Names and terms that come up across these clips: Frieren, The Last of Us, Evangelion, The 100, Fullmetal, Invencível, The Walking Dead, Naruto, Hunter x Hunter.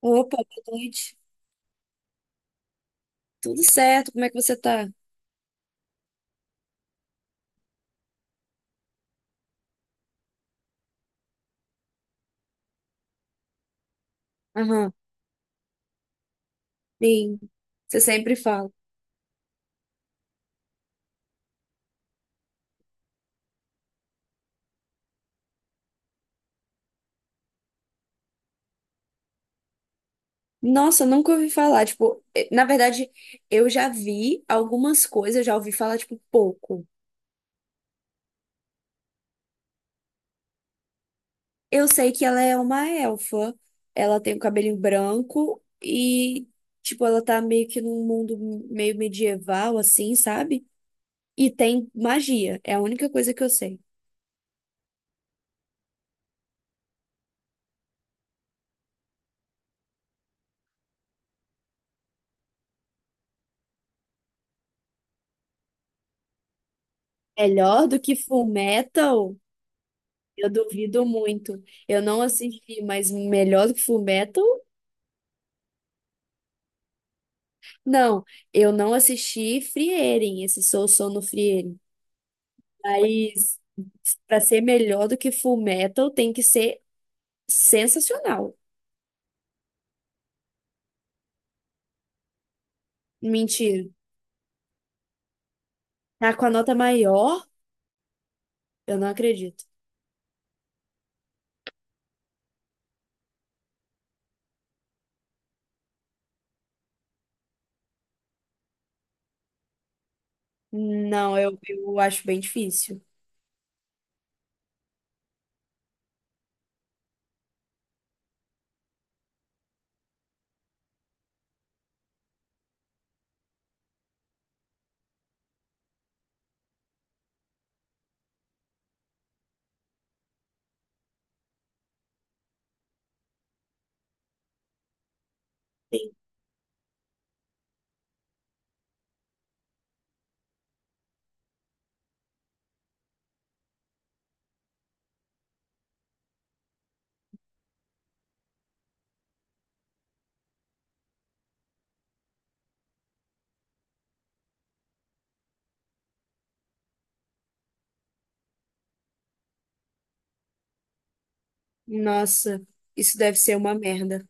Opa, boa noite. Tudo certo? Como é que você tá? Aham, sim. Você sempre fala. Nossa, eu nunca ouvi falar. Tipo, na verdade, eu já vi algumas coisas, eu já ouvi falar, tipo, pouco. Eu sei que ela é uma elfa. Ela tem o cabelinho branco e, tipo, ela tá meio que num mundo meio medieval, assim, sabe? E tem magia. É a única coisa que eu sei. Melhor do que full metal. Eu duvido muito. Eu não assisti, mas melhor do que Fullmetal? Não, eu não assisti Frieren, esse Sou Sono Frieren. Mas para ser melhor do que Fullmetal tem que ser sensacional. Mentira. Tá com a nota maior? Eu não acredito. Não, eu acho bem difícil. Nossa, isso deve ser uma merda.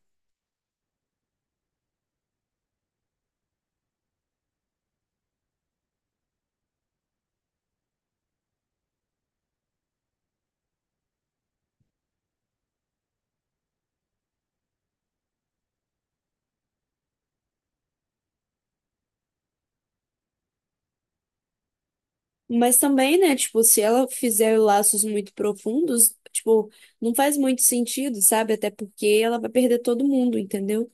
Mas também, né, tipo, se ela fizer laços muito profundos, tipo, não faz muito sentido, sabe? Até porque ela vai perder todo mundo, entendeu?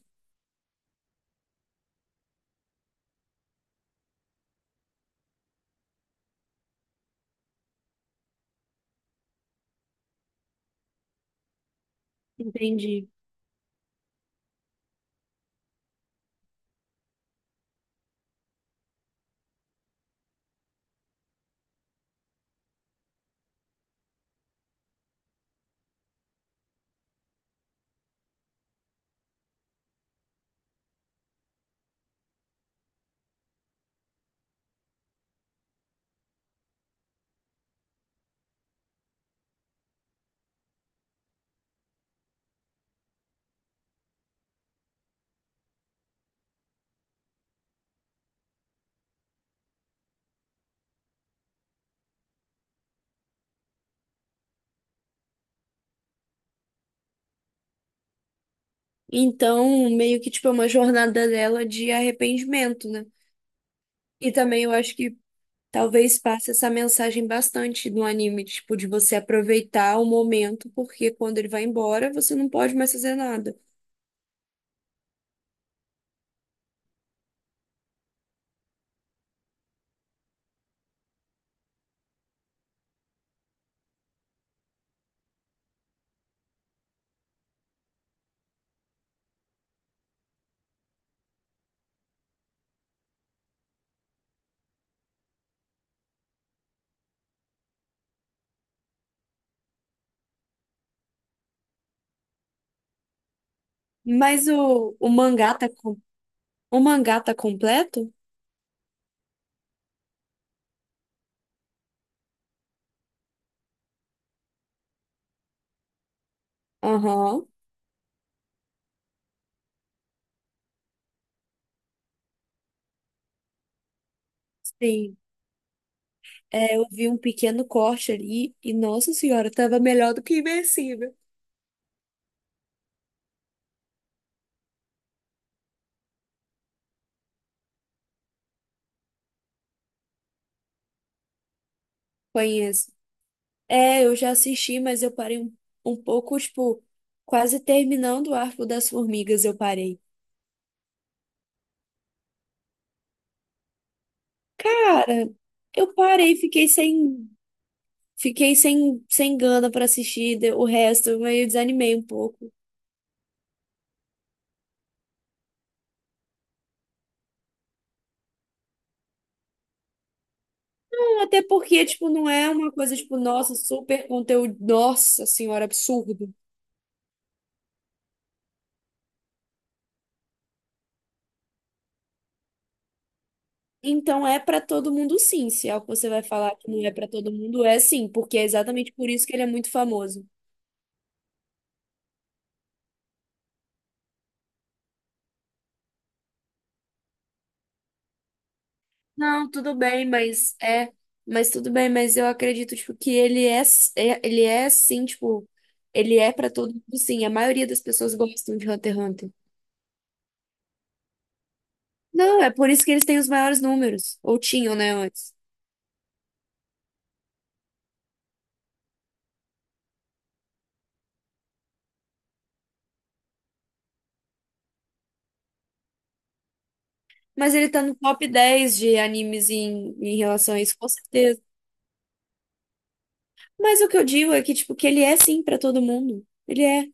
Entendi. Então, meio que, tipo, é uma jornada dela de arrependimento, né? E também eu acho que talvez passe essa mensagem bastante no anime, tipo, de você aproveitar o momento, porque quando ele vai embora, você não pode mais fazer nada. Mas o mangá tá, o mangá tá completo? Aham. Sim. É, eu vi um pequeno corte ali e, nossa senhora, tava melhor do que Invencível. Conheço. É, eu já assisti, mas eu parei um, um pouco, tipo, quase terminando o Arco das Formigas, eu parei. Cara, eu parei, fiquei sem, sem gana pra assistir o resto, eu meio desanimei um pouco. Não, até porque, tipo, não é uma coisa, tipo, nossa, super conteúdo, nossa senhora, absurdo. Então é para todo mundo sim, se é o que você vai falar que não é para todo mundo, é sim, porque é exatamente por isso que ele é muito famoso. Não, tudo bem, mas é, mas tudo bem, mas eu acredito tipo que ele é, ele é sim, tipo, ele é para todo mundo sim. A maioria das pessoas gostam de Hunter x Hunter. Não, é por isso que eles têm os maiores números, ou tinham, né, antes. Mas ele tá no top 10 de animes em, em relação a isso, com certeza. Mas o que eu digo é que, tipo, que ele é sim pra todo mundo. Ele é.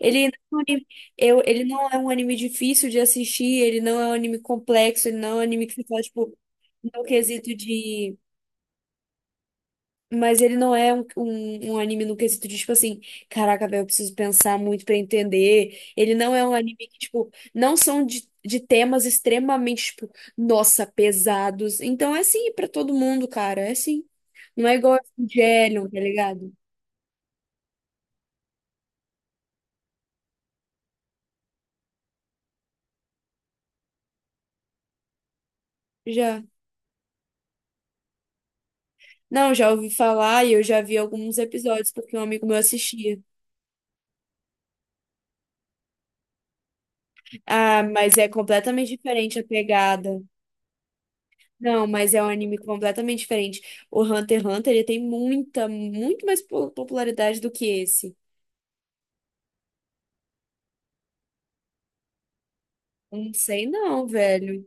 Ele não é um anime, eu, ele não é um anime difícil de assistir, ele não é um anime complexo, ele não é um anime que você fala, tipo, no quesito de. Mas ele não é um anime no quesito de, tipo assim, caraca, velho, eu preciso pensar muito pra entender. Ele não é um anime que, tipo, não são de temas extremamente, tipo, nossa, pesados. Então é assim pra todo mundo, cara, é assim. Não é igual Evangelion, tá ligado? Já. Não, já ouvi falar e eu já vi alguns episódios porque um amigo meu assistia. Ah, mas é completamente diferente a pegada. Não, mas é um anime completamente diferente. O Hunter x Hunter, ele tem muita, muito mais popularidade do que esse. Não sei não, velho.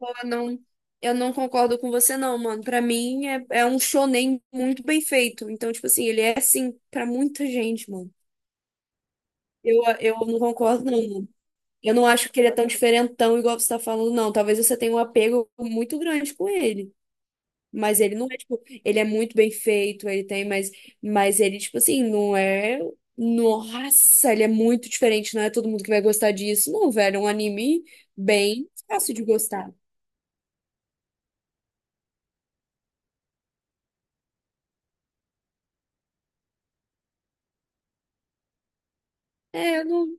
Eu não, eu não concordo com você não, mano. Pra mim é, é um shonen muito bem feito. Então, tipo assim, ele é assim pra muita gente, mano. Eu não concordo não. Eu não acho que ele é tão diferentão igual você tá falando, não. Talvez você tenha um apego muito grande com ele. Mas ele não é, tipo, ele é muito bem feito, ele tem, mas ele, tipo assim, não é. Nossa, ele é muito diferente, não é todo mundo que vai gostar disso. Não, velho, é um anime bem fácil de gostar. É, eu não.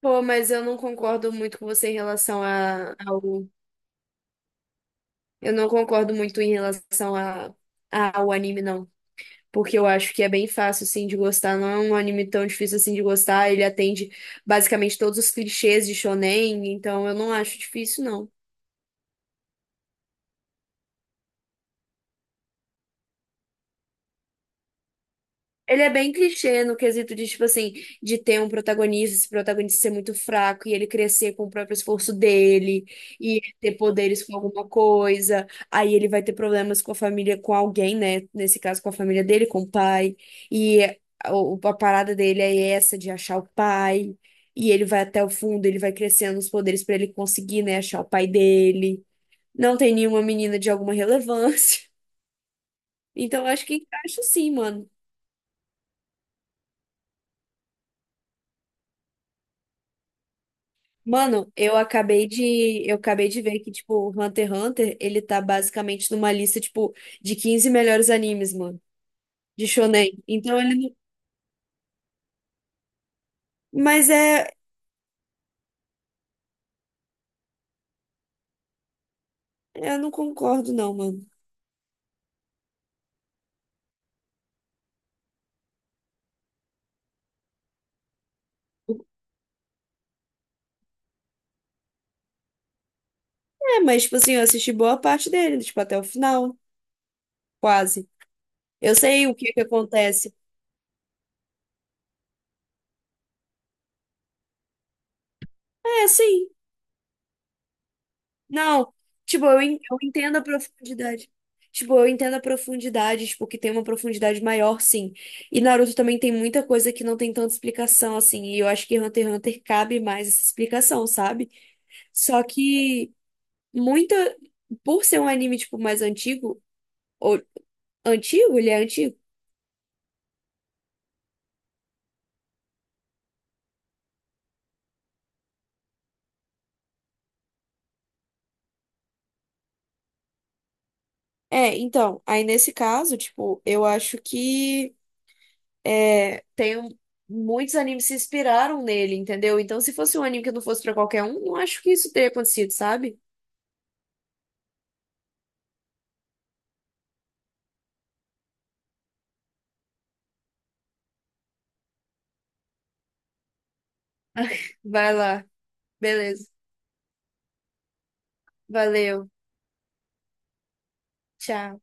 Pô, mas eu não concordo muito com você em relação a, ao. Eu não concordo muito em relação a, ao anime, não. Porque eu acho que é bem fácil, assim, de gostar. Não é um anime tão difícil, assim, de gostar. Ele atende basicamente todos os clichês de shonen, então eu não acho difícil, não. Ele é bem clichê no quesito de, tipo assim, de ter um protagonista, esse protagonista ser muito fraco e ele crescer com o próprio esforço dele e ter poderes com alguma coisa. Aí ele vai ter problemas com a família, com alguém, né? Nesse caso, com a família dele, com o pai. E a, a parada dele é essa de achar o pai. E ele vai até o fundo, ele vai crescendo os poderes pra ele conseguir, né, achar o pai dele. Não tem nenhuma menina de alguma relevância. Então, eu acho que encaixa sim, mano. Mano, eu acabei de ver que, tipo, Hunter x Hunter, ele tá basicamente numa lista, tipo, de 15 melhores animes, mano, de shonen. Então ele não... Mas é... Eu não concordo, não, mano. É, mas, tipo assim, eu assisti boa parte dele, tipo, até o final, quase. Eu sei o que que acontece. É, sim. Não, tipo, eu, eu entendo a profundidade. Tipo, eu entendo a profundidade, tipo, que tem uma profundidade maior, sim. E Naruto também tem muita coisa que não tem tanta explicação, assim. E eu acho que Hunter x Hunter cabe mais essa explicação, sabe? Só que muita. Por ser um anime, tipo, mais antigo, ou antigo, ele é antigo. É, então, aí nesse caso, tipo, eu acho que. É, muitos animes se inspiraram nele, entendeu? Então, se fosse um anime que não fosse pra qualquer um, não acho que isso teria acontecido, sabe? Vai lá. Beleza. Valeu. Tchau.